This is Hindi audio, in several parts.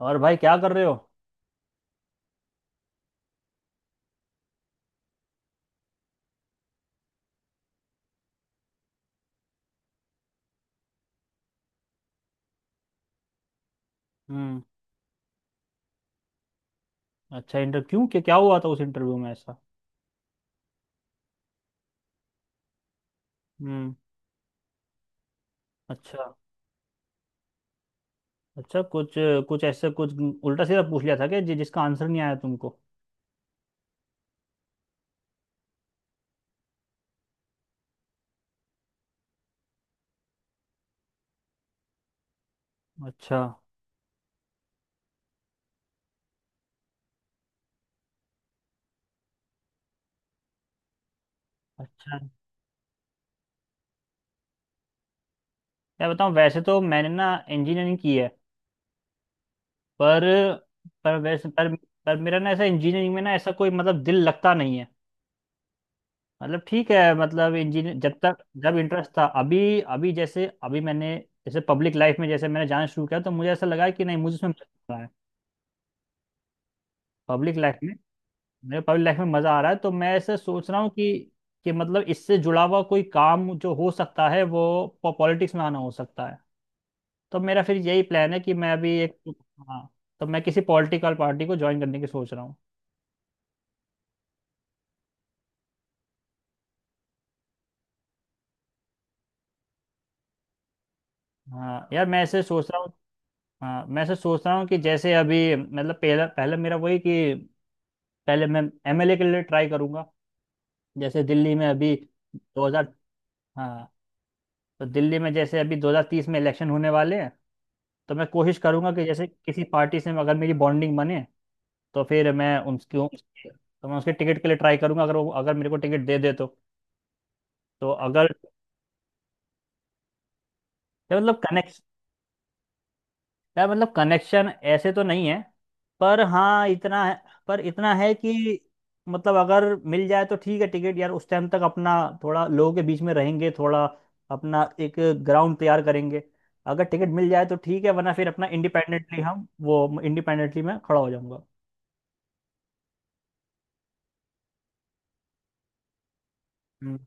और भाई क्या कर रहे हो? हम्म। अच्छा, इंटरव्यू क्यों? क्या क्या हुआ था उस इंटरव्यू में ऐसा? हम्म। अच्छा। अच्छा, कुछ कुछ ऐसे कुछ उल्टा सीधा पूछ लिया था कि जिसका आंसर नहीं आया तुमको? अच्छा अच्छा। मैं बताऊं, वैसे तो मैंने ना इंजीनियरिंग की है, पर पर वैसे पर मेरा ना ऐसा इंजीनियरिंग में ना ऐसा कोई मतलब दिल लगता नहीं है। मतलब ठीक है, मतलब इंजीनियर जब तक जब इंटरेस्ट था, अभी अभी जैसे अभी मैंने, जैसे पब्लिक लाइफ में जैसे मैंने जाना शुरू किया तो मुझे ऐसा लगा कि नहीं मुझे इसमें मजा आ रहा है। Public life. मेरे पब्लिक लाइफ में मजा आ रहा है तो मैं ऐसे सोच रहा हूँ कि मतलब इससे जुड़ा हुआ कोई काम जो हो सकता है वो पॉलिटिक्स में आना हो सकता है। तो मेरा फिर यही प्लान है कि मैं अभी एक, हाँ, तो मैं किसी पॉलिटिकल पार्टी को ज्वाइन करने की सोच रहा हूँ। हाँ यार, मैं ऐसे सोच रहा हूँ। हाँ मैं ऐसे सोच रहा हूँ कि जैसे अभी मतलब पहला पहले मेरा वही कि पहले मैं एमएलए के लिए ट्राई करूंगा। जैसे दिल्ली में अभी 2000। हाँ, तो दिल्ली में जैसे अभी 2030 में इलेक्शन होने वाले हैं। तो मैं कोशिश करूंगा कि जैसे किसी पार्टी से अगर मेरी बॉन्डिंग बने तो फिर मैं तो मैं उसके टिकट के लिए ट्राई करूंगा। अगर वो, अगर मेरे को टिकट दे दे तो अगर ये मतलब कनेक्ट, यार मतलब कनेक्शन ऐसे तो नहीं है, पर हाँ इतना है, कि मतलब अगर मिल जाए तो ठीक है टिकट, यार उस टाइम तक अपना थोड़ा लोगों के बीच में रहेंगे, थोड़ा अपना एक ग्राउंड तैयार करेंगे। अगर टिकट मिल जाए तो ठीक है, वरना फिर अपना इंडिपेंडेंटली हम वो इंडिपेंडेंटली मैं खड़ा हो जाऊंगा। हम्म।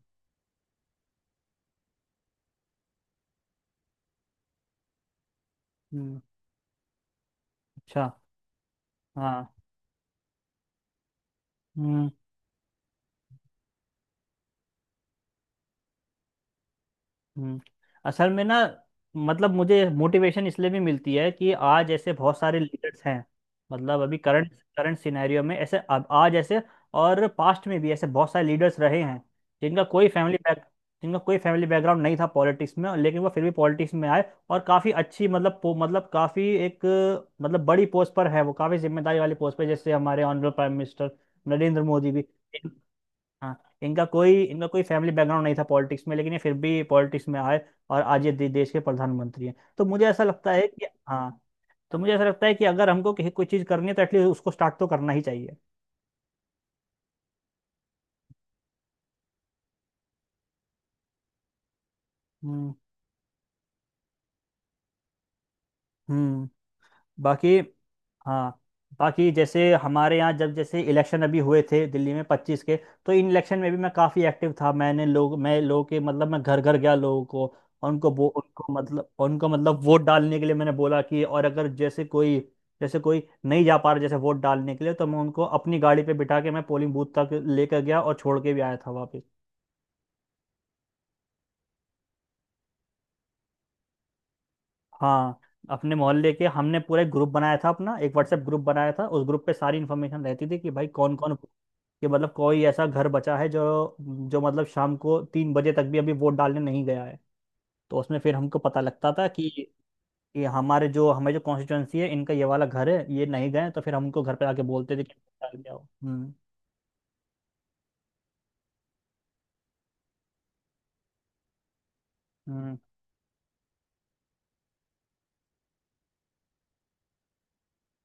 हम्म। अच्छा। हाँ। हम्म। हम्म, असल में ना मतलब मुझे मोटिवेशन इसलिए भी मिलती है कि आज ऐसे बहुत सारे लीडर्स हैं। मतलब अभी करंट करंट सिनेरियो में ऐसे, अब आज ऐसे और पास्ट में भी ऐसे बहुत सारे लीडर्स रहे हैं जिनका कोई फैमिली बैक जिनका कोई फैमिली बैकग्राउंड नहीं था पॉलिटिक्स में, लेकिन वो फिर भी पॉलिटिक्स में आए। और काफ़ी अच्छी मतलब काफ़ी एक, मतलब बड़ी पोस्ट पर है वो, काफ़ी जिम्मेदारी वाली पोस्ट पर, जैसे हमारे honourable prime minister Narendra Modi भी। हाँ। इनका कोई फैमिली बैकग्राउंड नहीं था पॉलिटिक्स में, लेकिन ये फिर भी पॉलिटिक्स में आए। और आज ये देश के प्रधानमंत्री हैं। तो मुझे ऐसा लगता है कि हाँ, तो मुझे ऐसा लगता है कि अगर हमको कहीं कोई चीज़ करनी है तो एटलीस्ट उसको स्टार्ट तो करना ही चाहिए। हम्म। हम्म। बाकी। हाँ, बाकी जैसे हमारे यहाँ जब जैसे इलेक्शन अभी हुए थे दिल्ली में 25 के, तो इन इलेक्शन में भी मैं काफ़ी एक्टिव था। मैंने लोग मैं लोगों के मतलब मैं घर घर गया लोगों को। और उनको वो उनको मतलब वोट डालने के लिए मैंने बोला कि, और अगर जैसे कोई, जैसे कोई नहीं जा पा रहा जैसे वोट डालने के लिए तो मैं उनको अपनी गाड़ी पे बिठा के मैं पोलिंग बूथ तक लेकर गया और छोड़ के भी आया था वापस। हाँ, अपने मोहल्ले के हमने पूरा एक ग्रुप बनाया था, अपना एक व्हाट्सएप ग्रुप बनाया था। उस ग्रुप पे सारी इन्फॉर्मेशन रहती थी कि भाई कौन कौन, कि मतलब कोई ऐसा घर बचा है जो, जो मतलब शाम को 3 बजे तक भी अभी वोट डालने नहीं गया है। तो उसमें फिर हमको पता लगता था कि ये हमारे जो हमें जो कॉन्स्टिट्यूएंसी है, इनका ये वाला घर है, ये नहीं गए, तो फिर हमको घर पे आके बोलते थे कि डाल के आओ। हम्म। हम्म।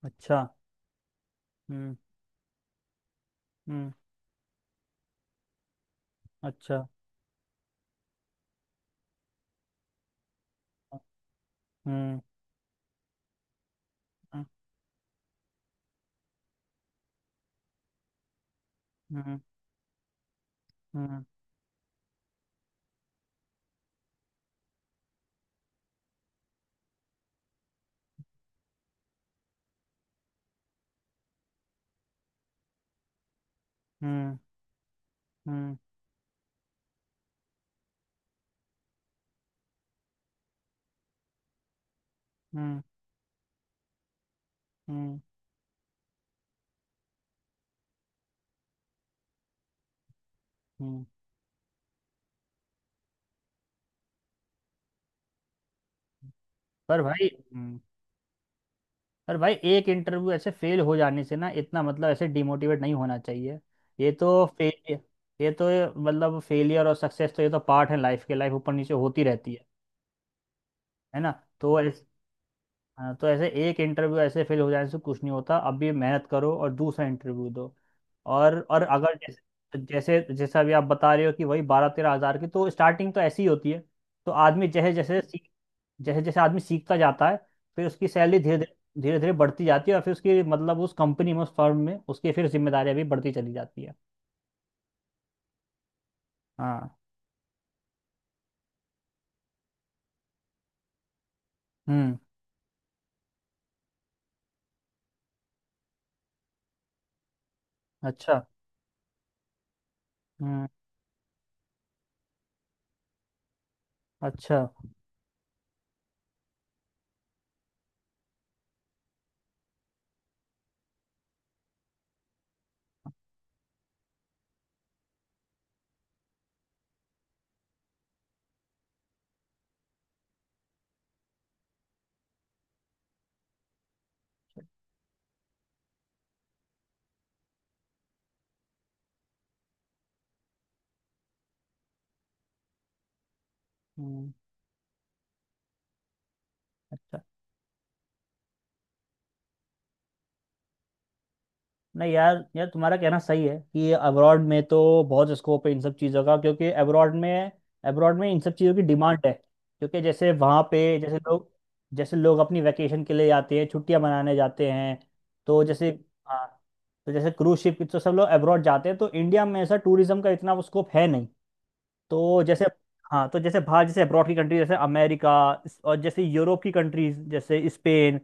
अच्छा। हम्म। हम्म। अच्छा। हम्म। हम्म। हम्म। हम्म। हम्म। हम्म। हम्म। हम्म, हम्म, पर भाई। हम्म, पर भाई एक इंटरव्यू ऐसे फेल हो जाने से ना इतना मतलब ऐसे डिमोटिवेट नहीं होना चाहिए। ये तो फेलियर ये तो मतलब फेलियर और सक्सेस तो, ये तो पार्ट है लाइफ के। लाइफ ऊपर नीचे होती रहती है ना? तो ऐसे, हाँ, तो ऐसे एक इंटरव्यू ऐसे फेल हो जाने से कुछ नहीं होता। अब भी मेहनत करो और दूसरा इंटरव्यू दो। और अगर जैसे जैसे जैसा अभी आप बता रहे हो कि वही 12-13 हज़ार की, तो स्टार्टिंग तो ऐसी ही होती है। तो आदमी जैसे जैसे सीख जैसे जैसे आदमी सीखता जाता है, फिर उसकी सैलरी धीरे धीरे बढ़ती जाती है, और फिर उसकी मतलब उस कंपनी में उस फर्म में उसकी फिर जिम्मेदारियां भी बढ़ती चली जाती है। हाँ। हम्म। अच्छा। हम्म। अच्छा। हम्म। अच्छा। नहीं यार, यार तुम्हारा कहना सही है कि अब्रॉड में तो बहुत स्कोप है इन सब चीज़ों का, क्योंकि अब्रॉड में, इन सब चीज़ों की डिमांड है, क्योंकि जैसे वहाँ पे जैसे लोग अपनी वैकेशन के लिए जाते हैं, छुट्टियाँ मनाने जाते हैं, तो जैसे, हाँ, तो जैसे क्रूज शिप तो सब लोग अब्रॉड जाते हैं। तो इंडिया में ऐसा टूरिज्म का इतना स्कोप है नहीं। तो जैसे, हाँ, तो जैसे बाहर, जैसे अब्रॉड की कंट्री, जैसे अमेरिका, और जैसे यूरोप की कंट्रीज जैसे स्पेन,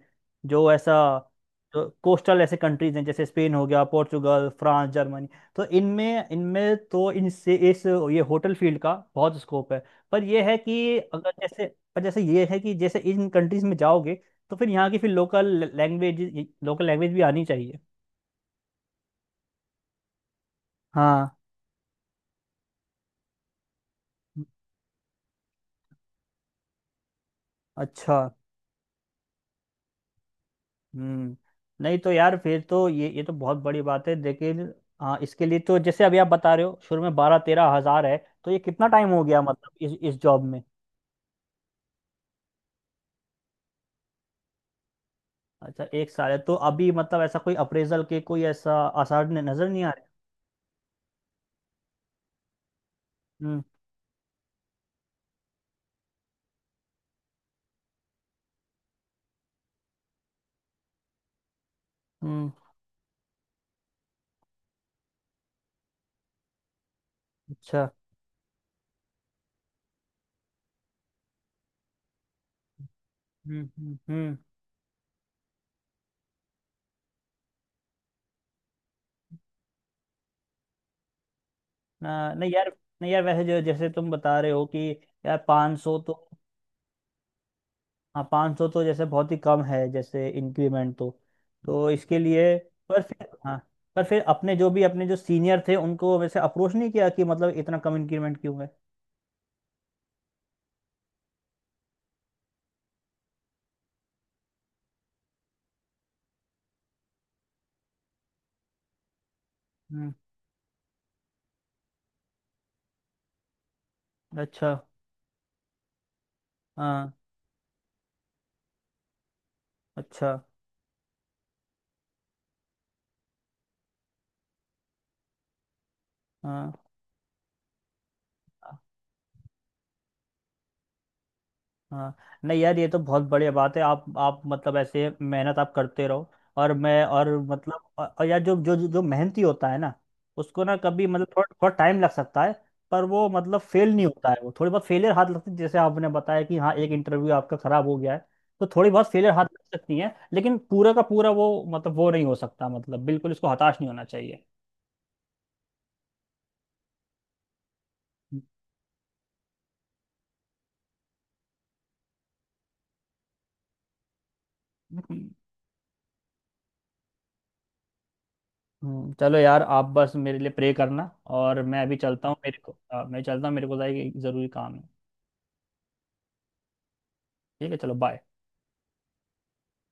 जो ऐसा, जो कोस्टल ऐसे कंट्रीज हैं, जैसे स्पेन हो गया, पोर्चुगल, फ्रांस, जर्मनी, तो इनमें इनमें तो इनसे इस ये होटल फील्ड का बहुत स्कोप है। पर ये है कि अगर जैसे, पर जैसे ये है कि जैसे इन कंट्रीज में जाओगे, तो फिर यहाँ की फिर लोकल लैंग्वेज भी आनी चाहिए। हाँ। अच्छा। हम्म। नहीं तो यार फिर तो ये तो बहुत बड़ी बात है, लेकिन, हाँ, इसके लिए तो जैसे अभी आप बता रहे हो शुरू में 12-13 हज़ार है। तो ये कितना टाइम हो गया मतलब इस जॉब में? अच्छा, एक साल है, तो अभी मतलब ऐसा कोई अप्रेजल के कोई ऐसा आसार नजर नहीं आ रहे। हम्म। हम्म। अच्छा। हम्म। हम्म। नहीं यार, नहीं यार वैसे जो जैसे तुम बता रहे हो कि यार 500 सौ तो, हाँ, 500 तो जैसे बहुत ही कम है जैसे इंक्रीमेंट तो इसके लिए, पर फिर, हाँ, पर फिर अपने जो भी अपने जो सीनियर थे उनको वैसे अप्रोच नहीं किया कि मतलब इतना कम इंक्रीमेंट क्यों है? हम्म। अच्छा। हाँ। अच्छा। हाँ, हाँ, नहीं यार, ये तो बहुत बढ़िया बात है। आप मतलब ऐसे मेहनत आप करते रहो। और मैं और मतलब और यार, जो जो जो मेहनती होता है ना, उसको ना कभी मतलब थोड़ा थोड़ा टाइम लग सकता है, पर वो मतलब फेल नहीं होता है, वो थोड़ी बहुत फेलियर हाथ लगती है। जैसे आपने बताया कि हाँ एक इंटरव्यू आपका खराब हो गया है, तो थोड़ी बहुत फेलियर हाथ लग सकती है, लेकिन पूरा का पूरा वो मतलब वो नहीं हो सकता। मतलब बिल्कुल इसको हताश नहीं होना चाहिए। हम्म। चलो यार आप बस मेरे लिए प्रे करना, और मैं अभी चलता हूँ, मेरे को मैं चलता हूँ, मेरे को ज़रा एक ज़रूरी काम है। ठीक है, चलो बाय।